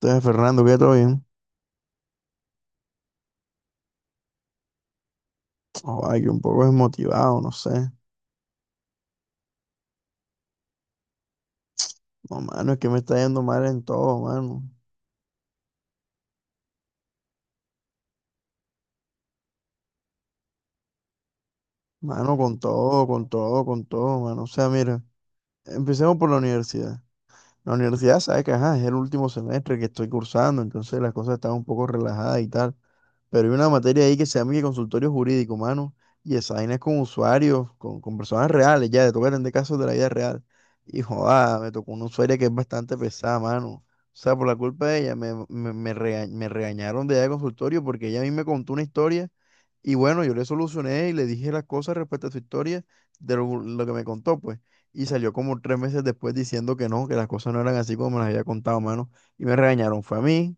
Entonces, Fernando, ¿qué? ¿Todo bien? Oh, Ay, que un poco desmotivado, no sé. No, mano, es que me está yendo mal en todo, mano. Mano, con todo, con todo, con todo, mano. O sea, mira, empecemos por la universidad. La universidad sabe que ajá, es el último semestre que estoy cursando, entonces las cosas están un poco relajadas y tal. Pero hay una materia ahí que se llama que consultorio jurídico, mano. Y esa vaina es con usuarios, con personas reales, ya, te toca atender casos de la vida real. Y joda, me tocó una usuaria que es bastante pesada, mano. O sea, por la culpa de ella, me regañaron de allá de consultorio porque ella a mí me contó una historia. Y bueno, yo le solucioné y le dije las cosas respecto a su historia de lo que me contó, pues y salió como 3 meses después diciendo que no, que las cosas no eran así como me las había contado, mano. Y me regañaron, fue a mí,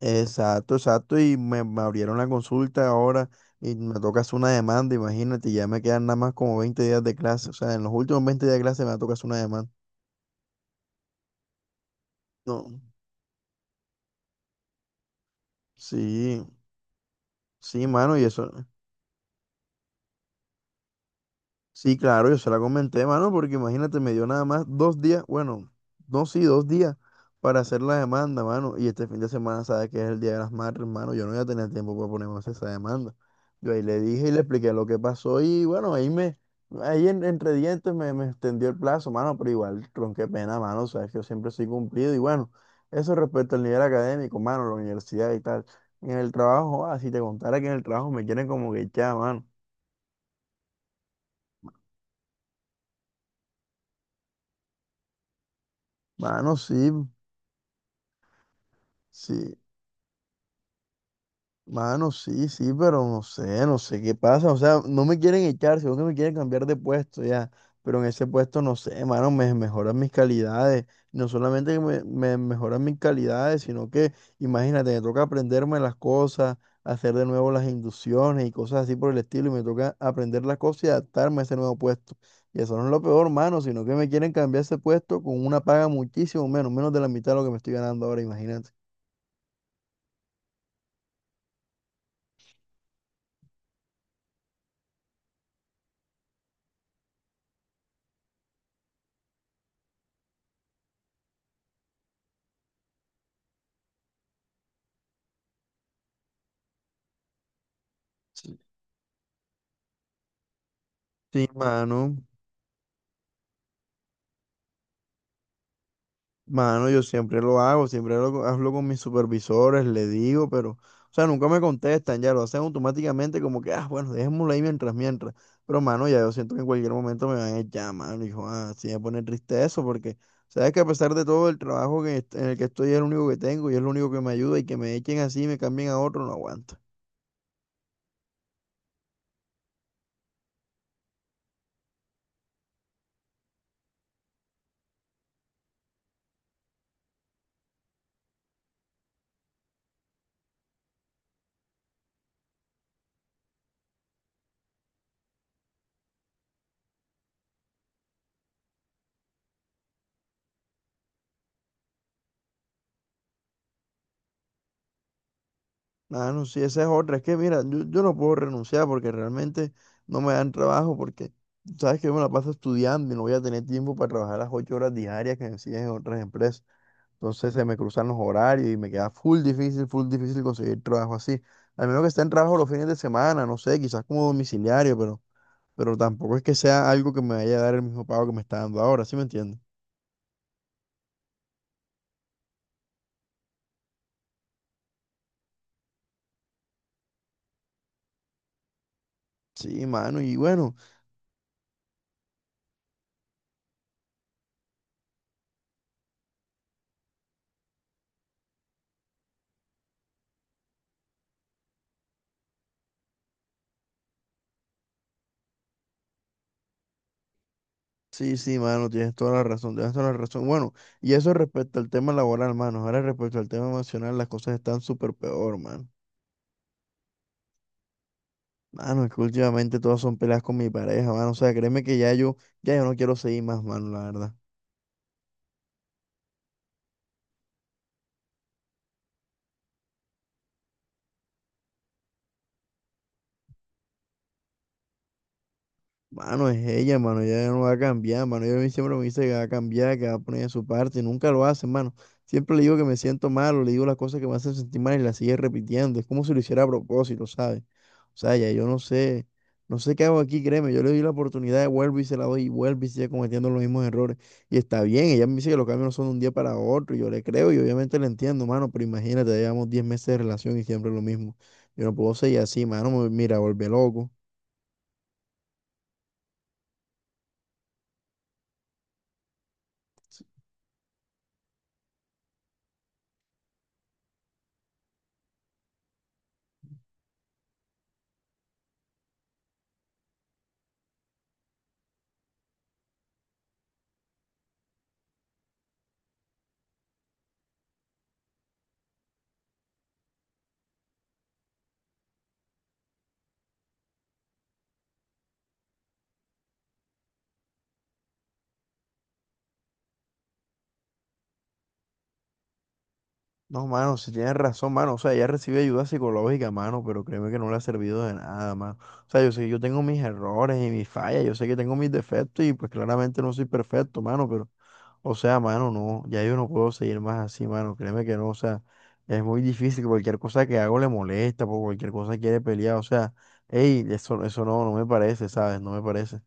exacto, exacto, y me abrieron la consulta ahora y me toca hacer una demanda, imagínate, y ya me quedan nada más como 20 días de clase, o sea, en los últimos 20 días de clase me toca hacer una demanda. No, sí, sí, mano, y eso. Sí, claro, yo se la comenté, mano, porque imagínate, me dio nada más 2 días, bueno, no, sí, 2 días para hacer la demanda, mano. Y este fin de semana, sabes que es el Día de las Madres, mano. Yo no voy a tener tiempo para ponerme a hacer esa demanda. Yo ahí le dije y le expliqué lo que pasó y bueno, ahí entre dientes me extendió el plazo, mano, pero igual, tron, qué pena, mano, sabes que yo siempre soy cumplido. Y bueno, eso respecto al nivel académico, mano, la universidad y tal. En el trabajo, ah, si te contara que en el trabajo me quieren como que echar, mano. Mano, sí. Sí, mano, sí, sí, pero no sé, no sé qué pasa. O sea, no me quieren echar, sino que me quieren cambiar de puesto ya. Pero en ese puesto, no sé, mano, me mejoran mis calidades. No solamente que me mejoran mis calidades, sino que, imagínate, me toca aprenderme las cosas, hacer de nuevo las inducciones y cosas así por el estilo. Y me toca aprender las cosas y adaptarme a ese nuevo puesto. Y eso no es lo peor, mano, sino que me quieren cambiar ese puesto con una paga muchísimo menos, menos de la mitad de lo que me estoy ganando ahora, imagínate. Sí. Sí, mano. Mano, yo siempre lo hago, hablo con mis supervisores, le digo, pero, o sea, nunca me contestan, ya lo hacen automáticamente como que, ah, bueno, dejémoslo ahí mientras. Pero, mano, ya yo siento que en cualquier momento me van a echar, mano, hijo, ah, sí me pone triste eso, porque, sabes que a pesar de todo el trabajo en el que estoy es el único que tengo y es lo único que me ayuda y que me echen así y me cambien a otro, no aguanto. Ah, no, sí, esa es otra. Es que, mira, yo no puedo renunciar porque realmente no me dan trabajo porque, sabes que yo me la paso estudiando y no voy a tener tiempo para trabajar las 8 horas diarias que me exigen en otras empresas. Entonces se me cruzan los horarios y me queda full difícil conseguir trabajo así. Al menos que esté en trabajo los fines de semana, no sé, quizás como domiciliario, pero tampoco es que sea algo que me vaya a dar el mismo pago que me está dando ahora, ¿sí me entiendes? Sí, mano, y bueno. Sí, sí, mano, tienes toda la razón, tienes toda la razón. Bueno, y eso respecto al tema laboral, mano. Ahora respecto al tema emocional, las cosas están súper peor, mano. Mano, es que últimamente todas son peleas con mi pareja, mano. O sea, créeme que ya yo no quiero seguir más, mano, la verdad. Mano, es ella, mano, ella no va a cambiar, mano. Ella a mí siempre me dice que va a cambiar, que va a poner de su parte, y nunca lo hace, mano. Siempre le digo que me siento mal, o le digo las cosas que me hacen sentir mal y la sigue repitiendo. Es como si lo hiciera a propósito, ¿sabes? O sea, ya yo no sé, no sé qué hago aquí, créeme. Yo le doy la oportunidad, vuelvo y se la doy, y vuelve y sigue cometiendo los mismos errores. Y está bien, ella me dice que los cambios no son de un día para otro, y yo le creo y obviamente le entiendo, mano, pero imagínate, ya llevamos 10 meses de relación y siempre lo mismo. Yo no puedo seguir así, mano, mira, volver loco. No, mano, si tienes razón, mano. O sea, ella recibe ayuda psicológica, mano, pero créeme que no le ha servido de nada, mano. O sea, yo sé que yo tengo mis errores y mis fallas, yo sé que tengo mis defectos y pues claramente no soy perfecto, mano, pero, o sea, mano, no, ya yo no puedo seguir más así, mano. Créeme que no, o sea, es muy difícil, cualquier cosa que hago le molesta, por cualquier cosa quiere pelear, o sea, hey, eso no, no me parece, ¿sabes? No me parece.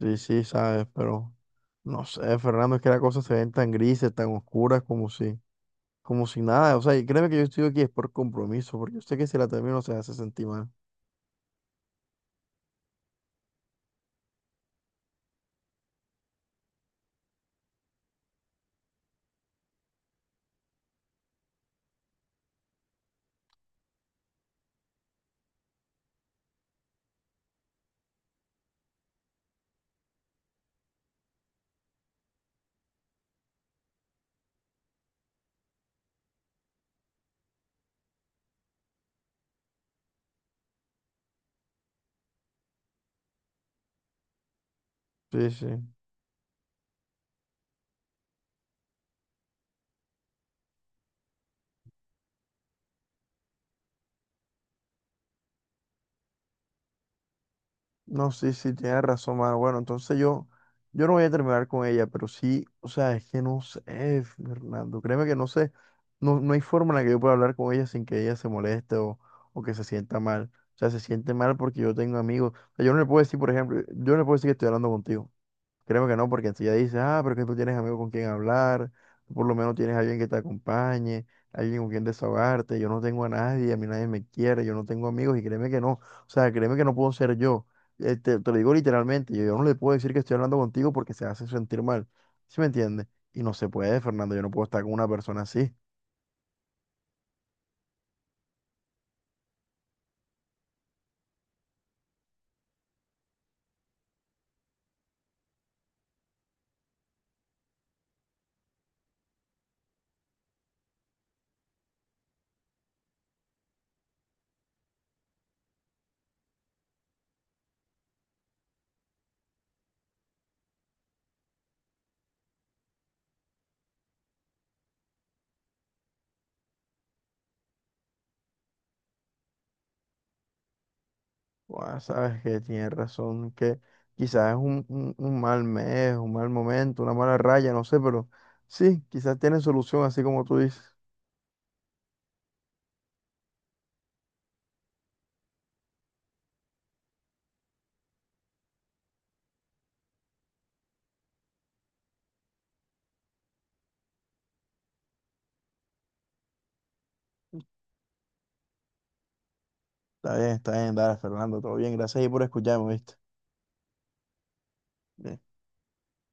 Sí, sí, ¿sabes? Pero, no sé, Fernando, es que las cosas se ven tan grises, tan oscuras como si nada. O sea, y créeme que yo estoy aquí es por compromiso, porque yo sé que si la termino se hace sentir mal. Sí, sí. No, sí, sí, tienes razón, mano. Bueno, entonces yo no voy a terminar con ella, pero sí, o sea, es que no sé, Fernando. Créeme que no sé, no hay forma en la que yo pueda hablar con ella sin que ella se moleste o que se sienta mal. O sea, se siente mal porque yo tengo amigos. O sea, yo no le puedo decir que estoy hablando contigo. Créeme que no, porque enseguida dices, ah, pero que tú tienes amigos con quien hablar, tú por lo menos tienes alguien que te acompañe, alguien con quien desahogarte, yo no tengo a nadie, a mí nadie me quiere, yo no tengo amigos y créeme que no, o sea, créeme que no puedo ser yo, te lo digo literalmente, yo no le puedo decir que estoy hablando contigo porque se hace sentir mal, ¿sí me entiendes? Y no se puede, Fernando, yo no puedo estar con una persona así. Buah, sabes que tienes razón, que quizás es un, un mal mes, un mal momento, una mala raya, no sé, pero sí, quizás tiene solución, así como tú dices. Está bien, dale, Fernando, todo bien, gracias ahí por escucharme, ¿viste? Bien